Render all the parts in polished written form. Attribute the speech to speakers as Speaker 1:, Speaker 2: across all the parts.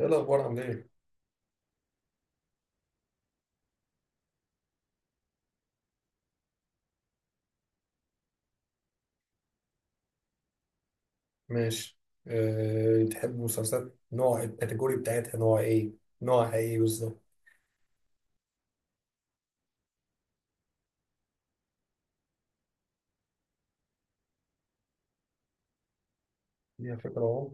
Speaker 1: ايه الاخبار؟ عامل ايه؟ ماشي. تحب مسلسلات نوع الكاتيجوري بتاعتها، نوع ايه؟ نوعها ايه بالظبط؟ دي فكرة اهو.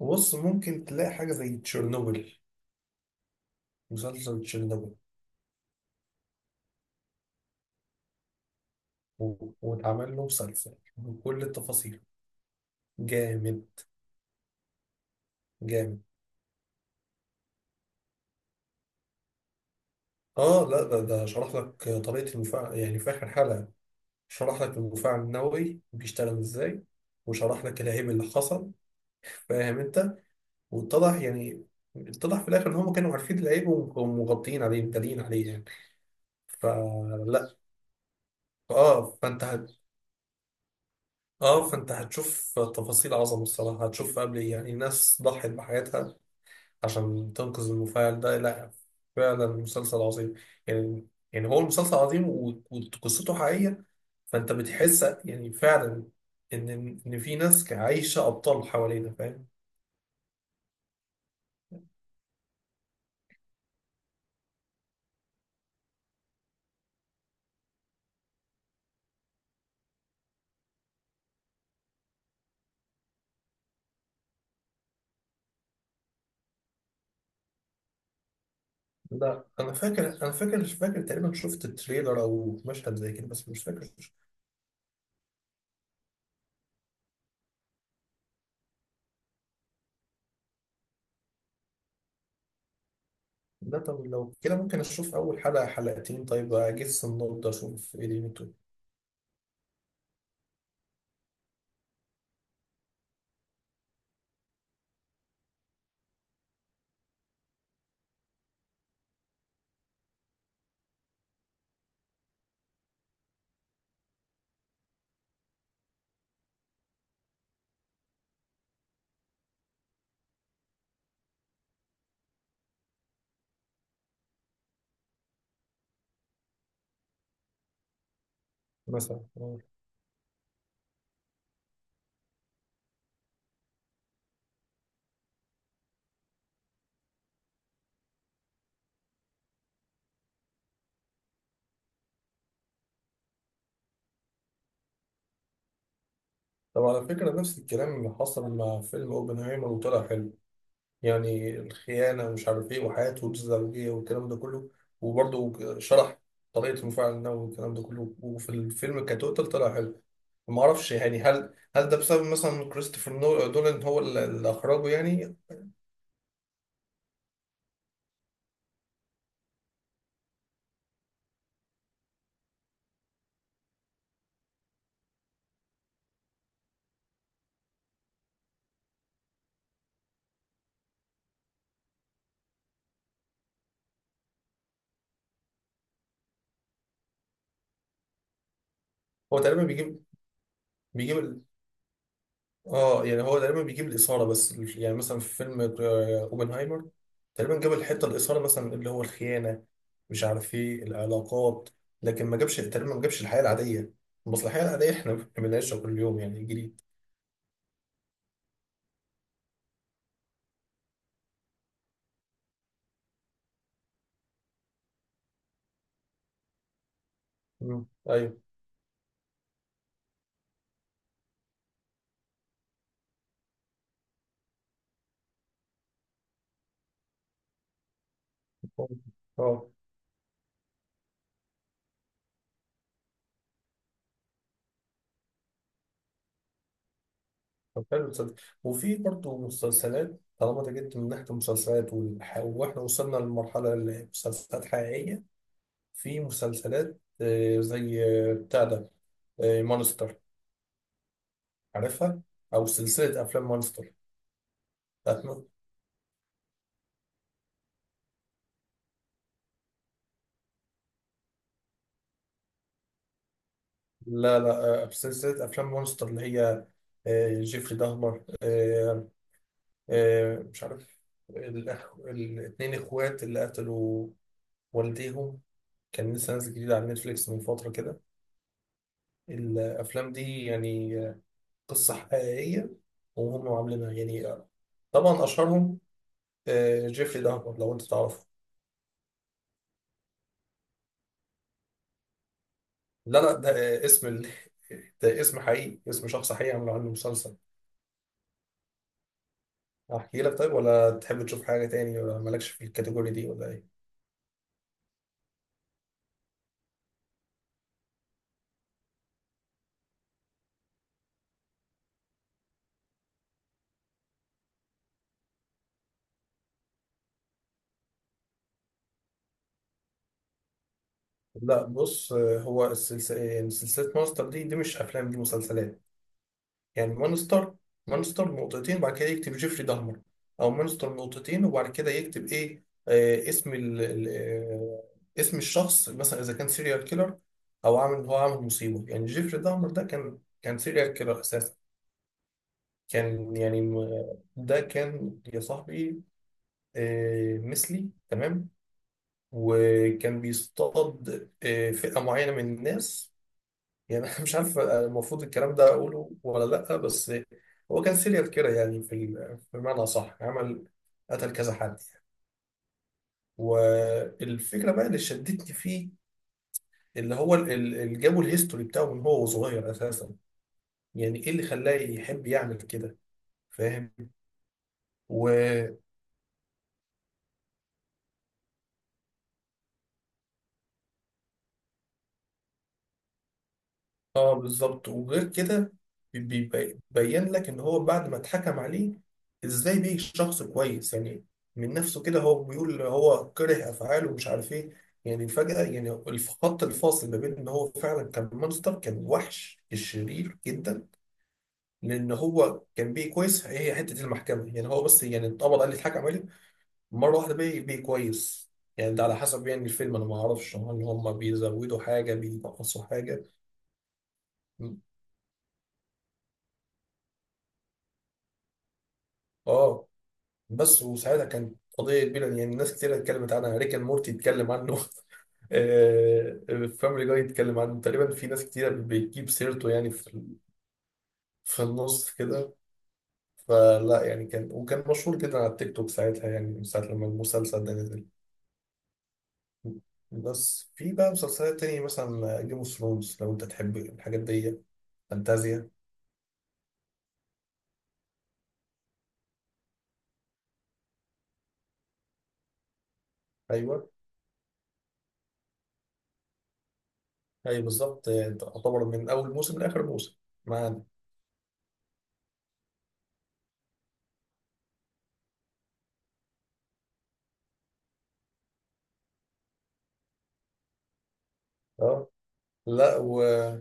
Speaker 1: بص، ممكن تلاقي حاجة زي تشيرنوبل. مسلسل تشيرنوبل، واتعمل له مسلسل بكل التفاصيل. جامد. جامد. اه، لا، ده شرح لك طريقة المفاعل يعني في اخر حلقة. شرح لك المفاعل النووي بيشتغل ازاي. وشرح لك الهيب اللي حصل. فاهم انت؟ واتضح يعني، اتضح في الاخر ان هم كانوا عارفين العيب ومغطيين عليه، مدارين عليه يعني. فلا. اه فانت هت... اه، فانت هتشوف تفاصيل عظمه الصراحه، هتشوف قبل ايه، يعني ناس ضحت بحياتها عشان تنقذ المفاعل ده، لا فعلا مسلسل عظيم يعني. يعني هو المسلسل عظيم، وقصته حقيقيه، فانت بتحس يعني فعلا ان ان في ناس عايشه ابطال حوالينا، فاهم؟ لا، انا فاكر، مش فاكر تقريبا، شفت تريلر او مشهد زي كده بس مش فاكر. ده طب لو كده ممكن اشوف اول حلقه حلقتين، طيب اجس النبضه اشوف ايه دنيته. مثلا آه. طب على فكره، نفس الكلام اللي حصل مع فيلم اوبنهايمر وطلع حلو. يعني الخيانه، ومش عارف ايه، وحياته الزوجيه والكلام ده كله، وبرضه شرح طريقه المفاعل النووي والكلام ده كله، وفي الفيلم كتوتال طلع حلو. ما اعرفش يعني، هل ده بسبب مثلا كريستوفر نولان هو اللي اخرجه يعني. هو تقريبا بيجيب، بيجيب ال... اه، يعني هو تقريبا بيجيب الاثاره بس، يعني مثلا في فيلم اوبنهايمر، تقريبا جاب الحته الاثاره مثلا اللي هو الخيانه، مش عارف ايه، العلاقات. لكن ما جابش تقريبا، ما جابش الحياه العاديه، المصلحيه العاديه احنا بنعيشها كل يوم، يعني جديد. مم. ايوه. اه. طب حلو تصدق، وفي برضه مسلسلات، طالما انت جبت من ناحيه المسلسلات واحنا وصلنا للمرحله اللي مسلسلات حقيقيه. في مسلسلات زي بتاع ده، مانستر، عارفها؟ او سلسله افلام مونستر، بتاعت مون- لا لا، سلسله افلام مونستر اللي هي جيفري دهمر، مش عارف، الاتنين اخوات اللي قتلوا والديهم. كان لسه نازل جديد على نتفليكس من فتره كده. الافلام دي يعني قصه حقيقيه، وهم عاملينها يعني طبعا اشهرهم جيفري دهمر، لو انت تعرفه. لا لا، ده آه، اسم ال... ده اسم حقيقي، اسم شخص حقيقي، عملوا عنه مسلسل. احكي لك طيب، ولا تحب تشوف حاجة تاني، ولا مالكش في الكاتيجوري دي، ولا ايه؟ لا بص، هو السلسلة، سلسلة مونستر دي مش افلام، دي مسلسلات. يعني مونستر، مونستر نقطتين بعد كده يكتب جيفري دهمر، او مونستر نقطتين وبعد كده يكتب ايه، اسم اسم الشخص مثلا، اذا كان سيريال كيلر، او عامل، هو عامل مصيبة. يعني جيفري دهمر ده كان سيريال كيلر اساسا. كان يعني ده كان يا صاحبي مثلي تمام، وكان بيصطاد فئة معينة من الناس. يعني أنا مش عارف المفروض الكلام ده أقوله ولا لأ، بس هو كان سيريال كده، يعني بمعنى صح، عمل قتل كذا حد. والفكرة بقى اللي شدتني فيه، اللي هو اللي جابوا الهيستوري بتاعه من هو صغير أساسا، يعني إيه اللي خلاه يحب يعمل كده، فاهم؟ اه بالظبط، وغير كده بيبين لك ان هو بعد ما اتحكم عليه، ازاي بيه شخص كويس يعني، من نفسه كده، هو بيقول هو كره افعاله ومش عارف ايه. يعني فجأة يعني خط الفاصل ما بين ان هو فعلا كان مونستر كان وحش شرير جدا، لان هو كان بيه كويس. هي حتة المحكمة يعني، هو بس يعني اتقبض عليه، اتحكم عليه مرة واحدة، بيه كويس. يعني ده على حسب يعني الفيلم، انا ما اعرفش هل هم بيزودوا حاجة، بينقصوا حاجة. اه بس، وساعتها كانت قضيه كبيره، يعني ناس كتير اتكلمت عنها، ريك اند مورتي اتكلم عنه، فاميلي جاي اتكلم عنه تقريبا، في ناس كتير بتجيب سيرته يعني، في النص كده. فلا يعني كان، وكان مشهور جدا على التيك توك ساعتها، يعني من ساعة لما المسلسل ده نزل. بس في بقى مسلسلات تانية مثلا جيم اوف ثرونز، لو انت تحب الحاجات دي، فانتازيا. ايوه. اي بالظبط، تعتبر من اول موسم لاخر موسم معانا. اه، لا وقول.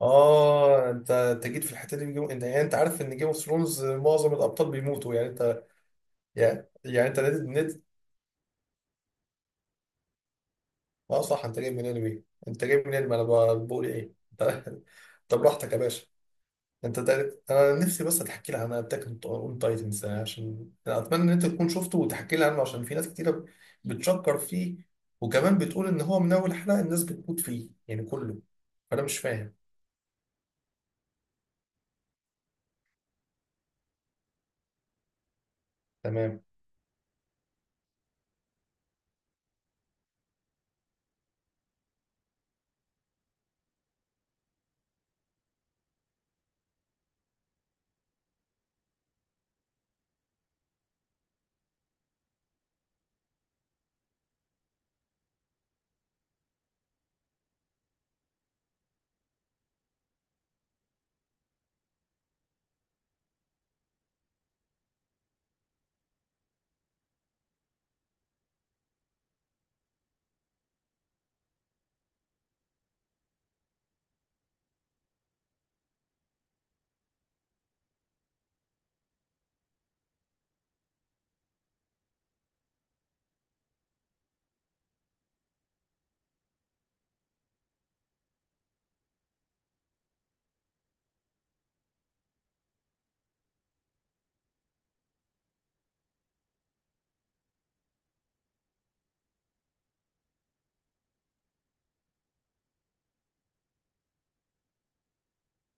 Speaker 1: اه، انت جيت في الحته دي من انت، يعني انت عارف ان جيم اوف ثرونز معظم الابطال بيموتوا، يعني انت، يعني انت نادي نادي. اه صح، انت جاي من انمي. انت جاي من انمي، انا بقول ايه، انت طب براحتك يا باشا. انت انا نفسي بس تحكي لي عن اتاك اون تايتنز، عشان أنا اتمنى ان انت تكون شفته وتحكي لي عنه، عشان في ناس كتيره بتشكر فيه، وكمان بتقول ان هو من اول حلقه الناس بتموت فيه يعني كله، فانا مش فاهم. تمام.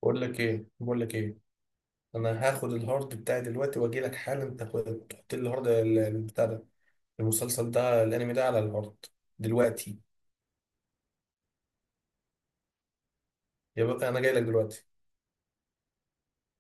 Speaker 1: بقول لك ايه، انا هاخد الهارد بتاعي دلوقتي واجي لك حالا، تاخد تحط لي الهارد البتاع ده، المسلسل ده، الانمي ده على الهارد. دلوقتي. يا بقى انا جاي لك دلوقتي.